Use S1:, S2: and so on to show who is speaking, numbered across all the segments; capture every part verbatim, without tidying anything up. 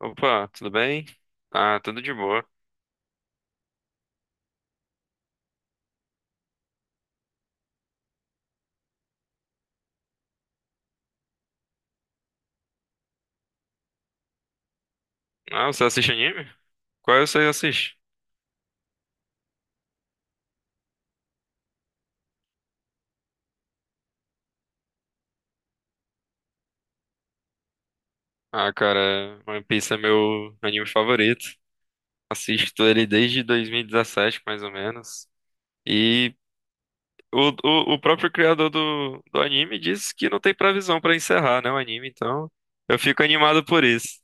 S1: Opa, tudo bem? Ah, tudo de boa. Ah, você assiste anime? Qual você assiste? Ah, cara, One Piece é meu anime favorito. Assisto ele desde dois mil e dezessete, mais ou menos. E o, o, o próprio criador do, do anime disse que não tem previsão pra encerrar, né, o anime, então eu fico animado por isso.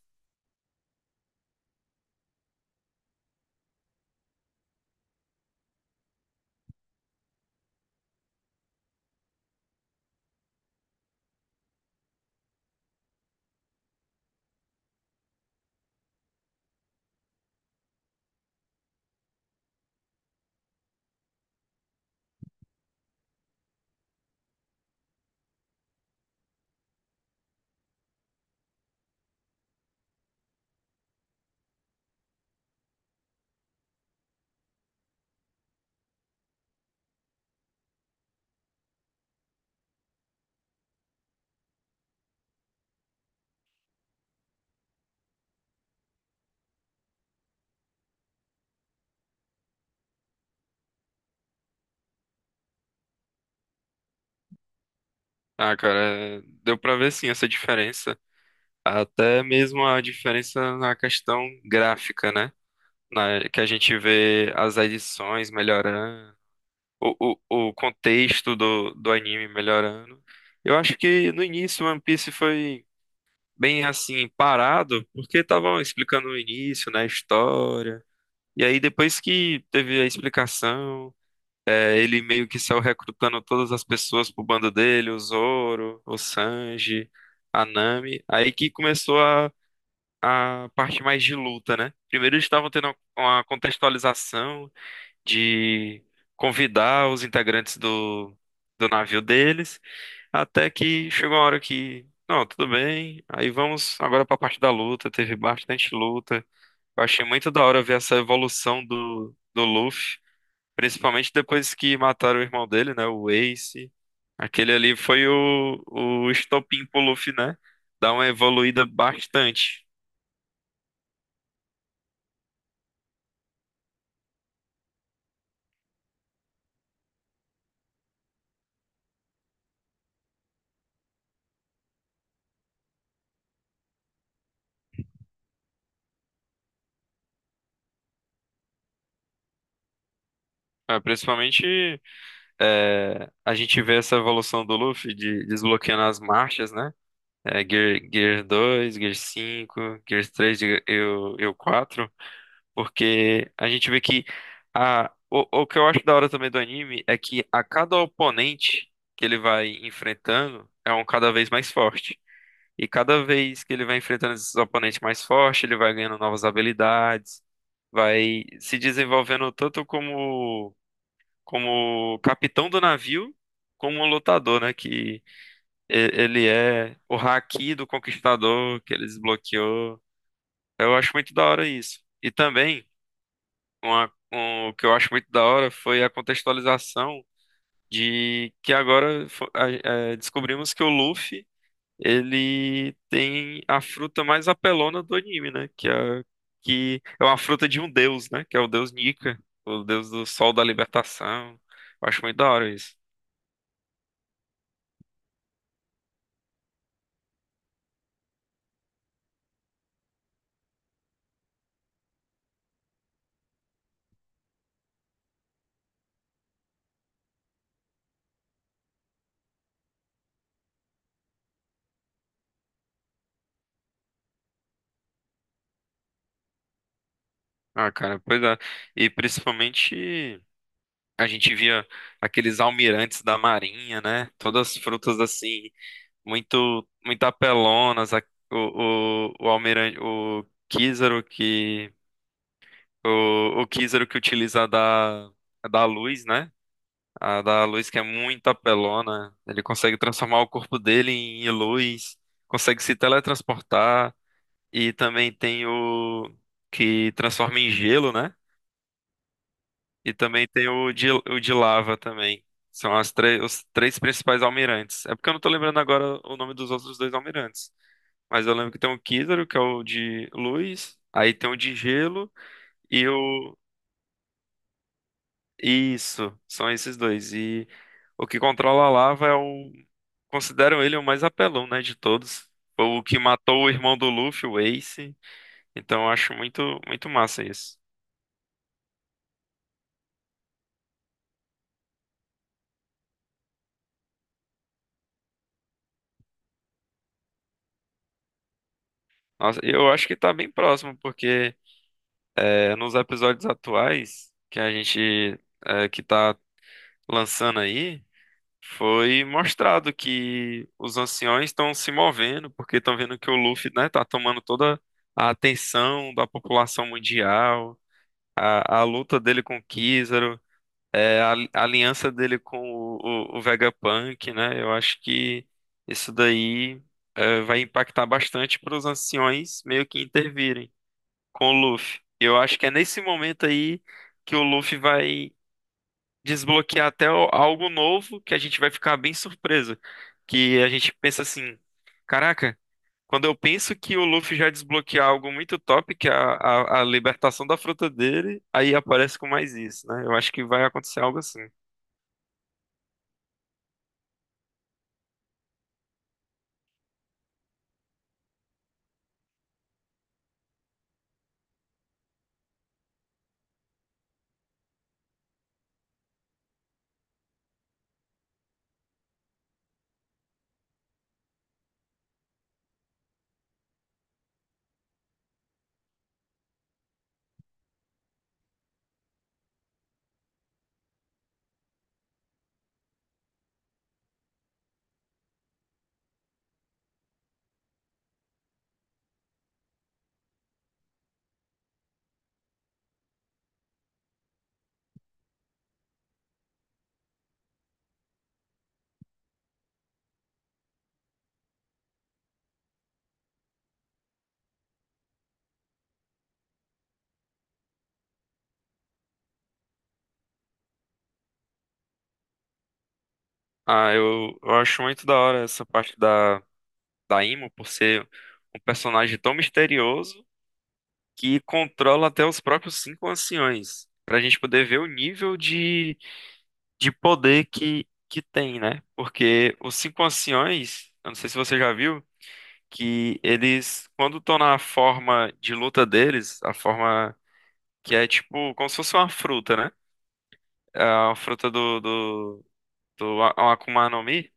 S1: Ah, cara, é- deu pra ver sim essa diferença. Até mesmo a diferença na questão gráfica, né? Na, que a gente vê as edições melhorando. o, o, o contexto do, do anime melhorando. Eu acho que no início One Piece foi bem assim, parado, porque estavam explicando o início, né, a história. E aí depois que teve a explicação, é, ele meio que saiu recrutando todas as pessoas pro bando dele, o Zoro, o Sanji, a Nami. Aí que começou a, a parte mais de luta, né? Primeiro eles estavam tendo uma contextualização de convidar os integrantes do, do navio deles, até que chegou a hora que, não, tudo bem, aí vamos agora para a parte da luta, teve bastante luta. Eu achei muito da hora ver essa evolução do, do Luffy, principalmente depois que mataram o irmão dele, né, o Ace. Aquele ali foi o, o estopim pro Luffy, né? Dar uma evoluída bastante. É, principalmente. É, a gente vê essa evolução do Luffy de desbloqueando as marchas, né? É, Gear, Gear dois, Gear cinco, Gear três, e o e o quatro, porque a gente vê que a, o, o que eu acho da hora também do anime é que a cada oponente que ele vai enfrentando é um cada vez mais forte. E cada vez que ele vai enfrentando esses oponentes mais fortes, ele vai ganhando novas habilidades, vai se desenvolvendo tanto como como capitão do navio, como um lutador, né? Que e- ele é o haki do conquistador que ele desbloqueou. Eu acho muito da hora isso. E também, uma, um- o que eu acho muito da hora foi a contextualização de que agora fo- a- é, descobrimos que o Luffy, ele tem a fruta mais apelona do anime, né? Que é, que é uma fruta de um deus, né? Que é o deus Nika, o deus do sol da libertação. Eu acho muito da hora isso. Ah, cara, pois é. E principalmente a gente via aqueles almirantes da Marinha, né? Todas as frutas assim, muito, muito apelonas. A- o, o, o almirante, o Kizaru que, o, o Kizaru que utiliza a da, a da luz, né? A da luz que é muito apelona. Ele consegue transformar o corpo dele em luz, consegue se teletransportar. E também tem o que transforma em gelo, né? E também tem o de, o de lava também. São as três, os três principais almirantes. É porque eu não tô lembrando agora o nome dos outros dois almirantes. Mas eu lembro que tem o Kizaru, que é o de luz, aí tem o de gelo e o. Isso, são esses dois. E o que controla a lava é o. Consideram ele o mais apelão, né, de todos. Foi o que matou o irmão do Luffy, o Ace. Então eu acho muito, muito massa isso. Nossa, eu acho que tá bem próximo, porque. É, nos episódios atuais que a gente é, que tá lançando aí, foi mostrado que os anciões estão se movendo, porque estão vendo que o Luffy, né, tá tomando toda a atenção da população mundial, a, a luta dele com o Kizaru, é, a, a aliança dele com o, o, o Vegapunk, né? Eu acho que isso daí é, vai impactar bastante para os anciões meio que intervirem com o Luffy. Eu acho que é nesse momento aí que o Luffy vai desbloquear até o- algo novo que a gente vai ficar bem surpreso. Que a gente pensa assim, caraca, quando eu penso que o Luffy já desbloqueou algo muito top, que é a, a, a libertação da fruta dele, aí aparece com mais isso, né? Eu acho que vai acontecer algo assim. Ah, eu, eu acho muito da hora essa parte da, da, Imo, por ser um personagem tão misterioso que controla até os próprios cinco anciões, para a gente poder ver o nível de, de, poder que, que tem, né? Porque os cinco anciões, eu não sei se você já viu, que eles, quando estão na forma de luta deles, a forma que é tipo como se fosse uma fruta, né? A fruta do, do, do A- um Akuma no Mi,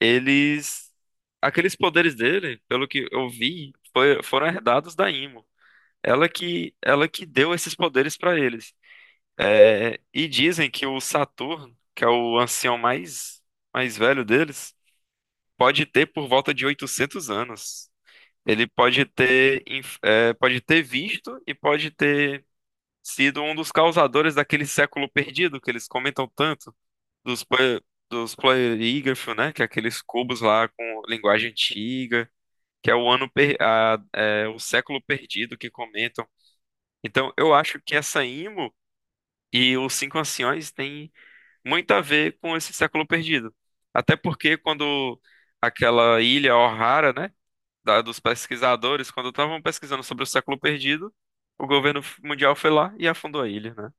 S1: eles. Aqueles poderes dele, pelo que eu vi, foi- foram herdados da Imo. Ela que, ela que deu esses poderes para eles. É, e dizem que o Saturno, que é o ancião mais, mais velho deles, pode ter por volta de oitocentos anos. Ele pode ter, inf- é, pode ter visto e pode ter sido um dos causadores daquele século perdido que eles comentam tanto, dos, pla- dos Pleirígrafos, né? Que é aqueles cubos lá com linguagem antiga, que é o ano per- a- é, o século perdido que comentam. Então, eu acho que essa IMO e os Cinco Anciões têm muito a ver com esse século perdido. Até porque quando aquela ilha O'Hara, né, da- dos pesquisadores, quando estavam pesquisando sobre o século perdido, o governo mundial foi lá e afundou a ilha, né?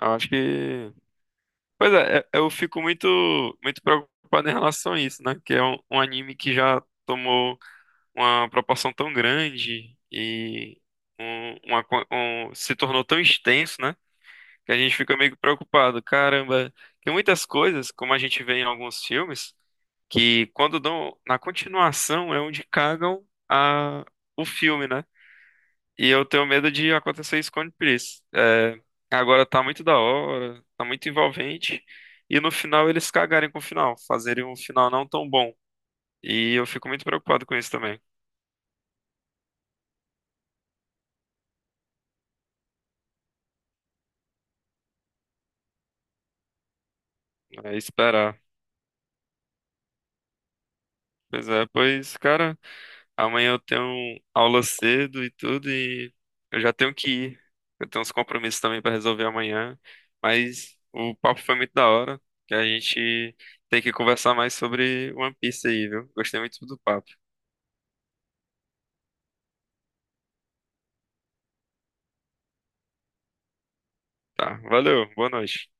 S1: Eu acho que, pois é, é- eu fico muito muito preocupado em relação a isso, né? Que é um, um anime que já tomou uma proporção tão grande e um, uma co- um- se tornou tão extenso, né? Que a gente fica meio que preocupado. Caramba, tem muitas coisas, como a gente vê em alguns filmes, que quando dão na continuação é onde cagam a, o filme, né? E eu tenho medo de acontecer isso com One Piece. É, agora tá muito da hora, tá muito envolvente, e no final eles cagarem com o final, fazerem um final não tão bom. E eu fico muito preocupado com isso também. É, esperar. Pois é, pois, cara. Amanhã eu tenho aula cedo e tudo, e eu já tenho que ir. Eu tenho uns compromissos também para resolver amanhã. Mas o papo foi muito da hora, que a gente tem que conversar mais sobre One Piece aí, viu? Gostei muito do papo. Tá, valeu, boa noite.